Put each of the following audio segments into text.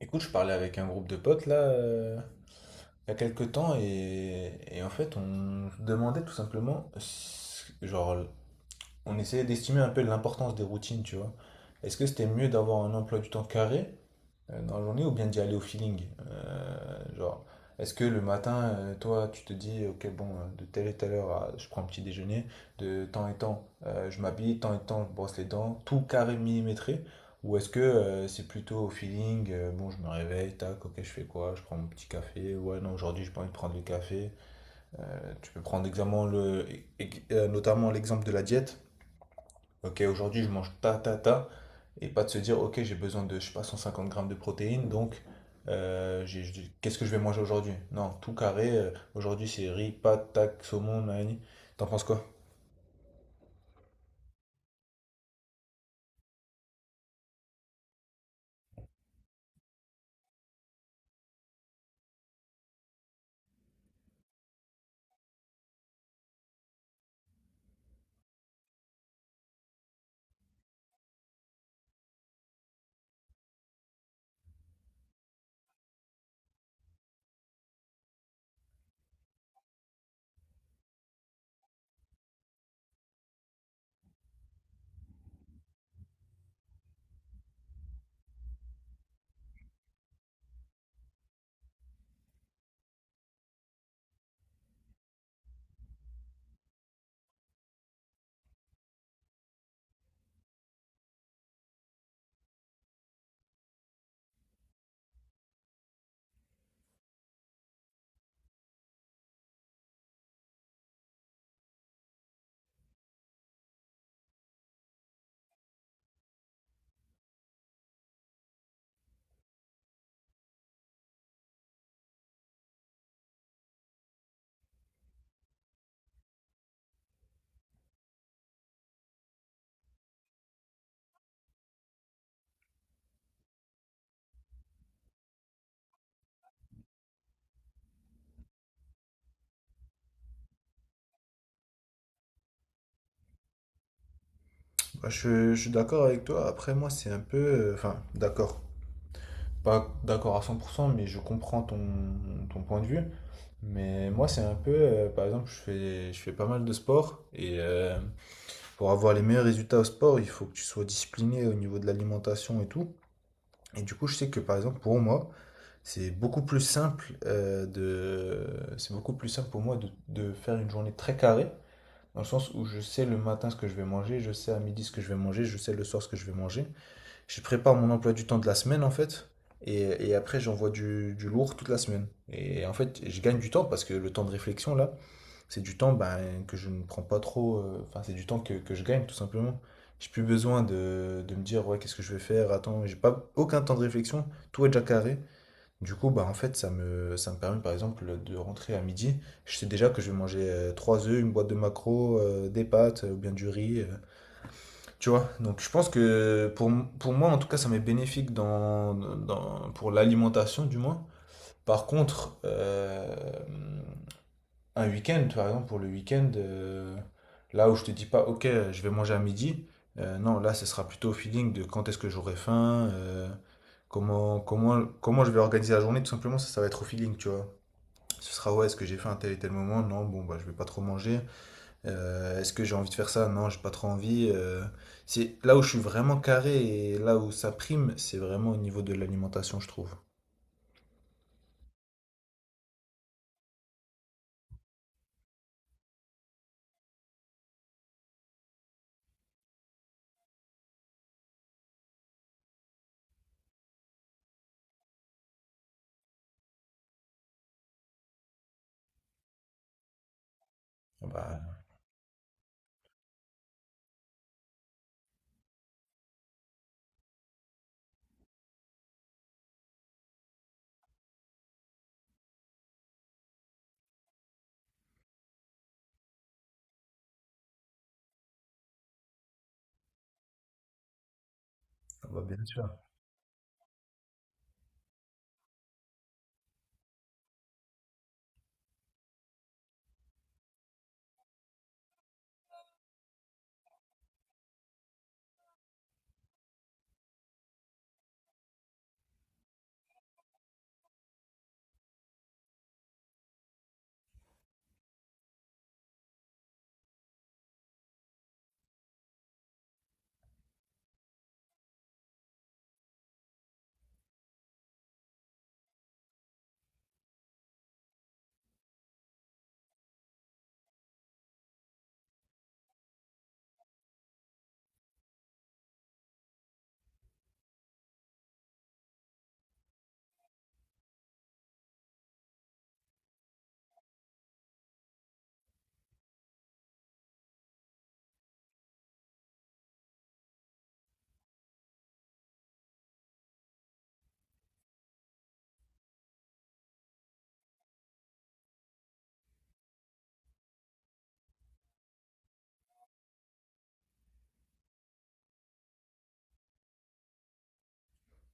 Écoute, je parlais avec un groupe de potes là, il y a quelques temps, et, en fait, on se demandait tout simplement, genre, on essayait d'estimer un peu l'importance des routines, tu vois. Est-ce que c'était mieux d'avoir un emploi du temps carré dans la journée ou bien d'y aller au feeling? Genre, est-ce que le matin, toi, tu te dis, ok, bon, de telle et telle heure, je prends un petit déjeuner, de temps et temps, je m'habille, temps et temps, je brosse les dents, tout carré millimétré? Ou est-ce que c'est plutôt au feeling, bon, je me réveille, tac, ok, je fais quoi? Je prends mon petit café, ouais, non, aujourd'hui, j'ai pas envie de prendre le café. Tu peux prendre exactement le, notamment l'exemple de la diète. Ok, aujourd'hui, je mange ta ta ta et pas de se dire, ok, j'ai besoin de, je sais pas, 150 grammes de protéines, donc qu'est-ce que je vais manger aujourd'hui? Non, tout carré, aujourd'hui c'est riz, pâtes, tac, saumon, nanani. T'en penses quoi? Bah, je suis d'accord avec toi. Après, moi, c'est un peu. Enfin, d'accord. Pas d'accord à 100%, mais je comprends ton point de vue. Mais moi, c'est un peu, par exemple, je fais pas mal de sport et pour avoir les meilleurs résultats au sport, il faut que tu sois discipliné au niveau de l'alimentation et tout. Et du coup, je sais que par exemple, pour moi, c'est beaucoup plus simple de... C'est beaucoup plus simple pour moi de, faire une journée très carrée, dans le sens où je sais le matin ce que je vais manger, je sais à midi ce que je vais manger, je sais le soir ce que je vais manger. Je prépare mon emploi du temps de la semaine, en fait, et, après j'envoie du, lourd toute la semaine. Et en fait, je gagne du temps parce que le temps de réflexion, là, c'est du temps ben, que je ne prends pas trop, enfin, c'est du temps que, je gagne, tout simplement. J'ai plus besoin de, me dire, ouais, qu'est-ce que je vais faire, attends, j'ai pas aucun temps de réflexion, tout est déjà carré. Du coup, bah, en fait, ça me permet par exemple de rentrer à midi. Je sais déjà que je vais manger trois œufs, une boîte de maquereaux, des pâtes ou bien du riz. Tu vois? Donc je pense que pour moi, en tout cas, ça m'est bénéfique pour l'alimentation du moins. Par contre, un week-end, par exemple, pour le week-end, là où je te dis pas, ok, je vais manger à midi, non, là, ce sera plutôt au feeling de quand est-ce que j'aurai faim, comment je vais organiser la journée, tout simplement, ça va être au feeling, tu vois. Ce sera, ouais, est-ce que j'ai faim à tel et tel moment? Non, bon, bah, je vais pas trop manger. Est-ce que j'ai envie de faire ça? Non, j'ai pas trop envie. C'est là où je suis vraiment carré et là où ça prime, c'est vraiment au niveau de l'alimentation, je trouve. Ah, bah, ah bah, bien sûr.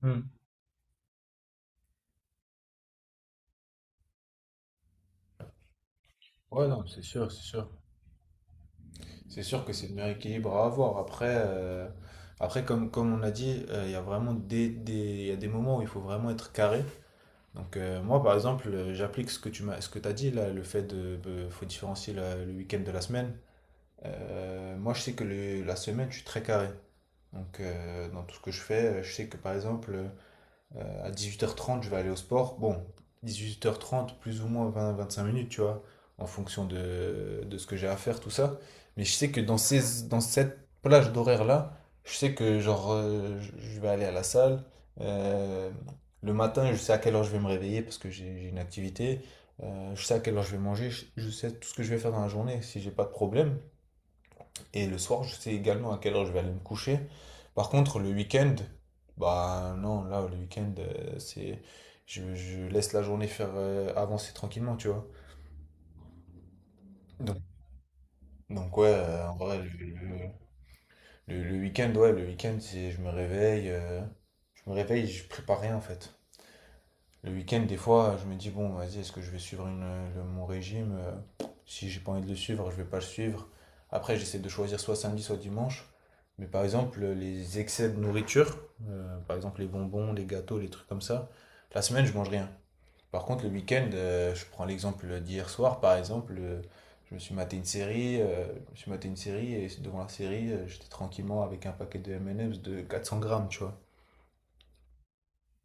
Hmm. Ouais, non, c'est sûr, c'est sûr. C'est sûr que c'est le meilleur équilibre à avoir. Après, après comme on a dit, il y a vraiment il y a des moments où il faut vraiment être carré. Donc moi, par exemple, j'applique ce que t'as dit là, le fait de, faut différencier le week-end de la semaine. Moi, je sais que la semaine, je suis très carré. Donc dans tout ce que je fais, je sais que par exemple, à huit heures trente, je vais aller au sport. Bon, 18h30 plus ou moins 20 à 25 minutes, tu vois, en fonction de, ce que j'ai à faire, tout ça. Mais je sais que dans cette plage d'horaire-là, je sais que genre, je vais aller à la salle. Euh, le matin, je sais à quelle heure je vais me réveiller parce que j'ai une activité. Je sais à quelle heure je vais manger. Je sais tout ce que je vais faire dans la journée si j'ai pas de problème. Et le soir, je sais également à quelle heure je vais aller me coucher. Par contre, le week-end, bah non, là, le week-end, c'est. Je laisse la journée faire avancer tranquillement, tu vois. Donc, donc ouais, en vrai, le week-end, ouais, le week-end, c'est je me réveille, je prépare rien en fait. Le week-end, des fois, je me dis, bon, vas-y, est-ce que je vais suivre mon régime? Si j'ai pas envie de le suivre, je vais pas le suivre. Après, j'essaie de choisir soit samedi, soit dimanche. Mais par exemple, les excès de nourriture, par exemple les bonbons, les gâteaux, les trucs comme ça, la semaine, je mange rien. Par contre, le week-end, je prends l'exemple d'hier soir, par exemple, je me suis maté une série et devant la série, j'étais tranquillement avec un paquet de M&M's de 400 grammes, tu vois.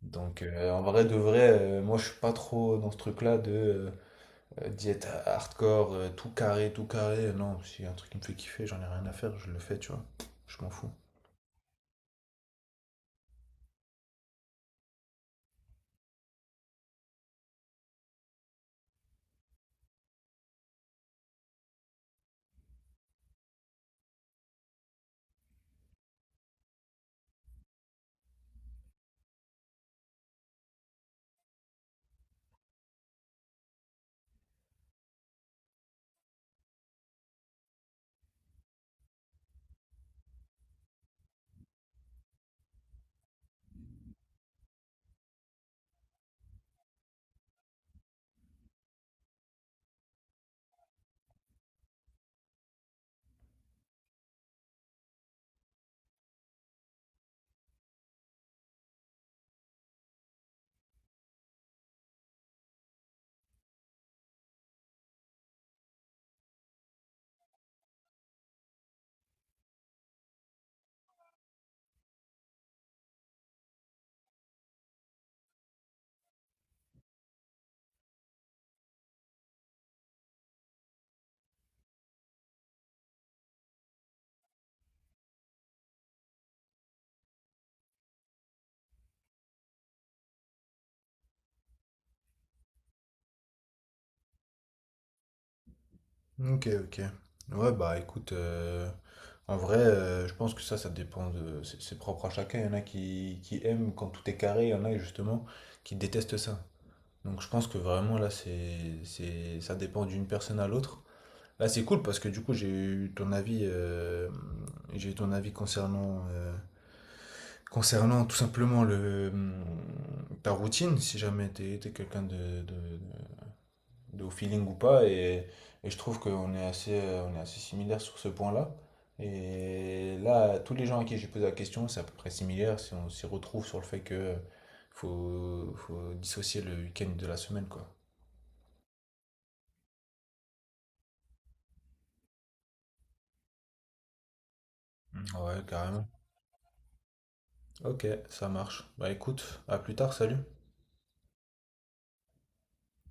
Donc en vrai de vrai, moi je suis pas trop dans ce truc-là de diète hardcore, tout carré. Non, si y a un truc qui me fait kiffer, j'en ai rien à faire, je le fais, tu vois. Je m'en fous. Ok, ok. Ouais, bah écoute, en vrai, je pense que ça dépend de... c'est propre à chacun. Il y en a qui aiment quand tout est carré, il y en a justement qui détestent ça. Donc je pense que vraiment là, ça dépend d'une personne à l'autre. Là, c'est cool parce que du coup, j'ai eu ton avis, concernant, tout simplement le, ta routine, si jamais t'es quelqu'un de au feeling ou pas. Et, je trouve qu'on est on est assez similaires sur ce point-là. Et là, tous les gens à qui j'ai posé la question, c'est à peu près similaire. Si on s'y retrouve sur le fait que faut dissocier le week-end de la semaine, quoi. Ouais, carrément. Ok, ça marche. Bah écoute, à plus tard, salut.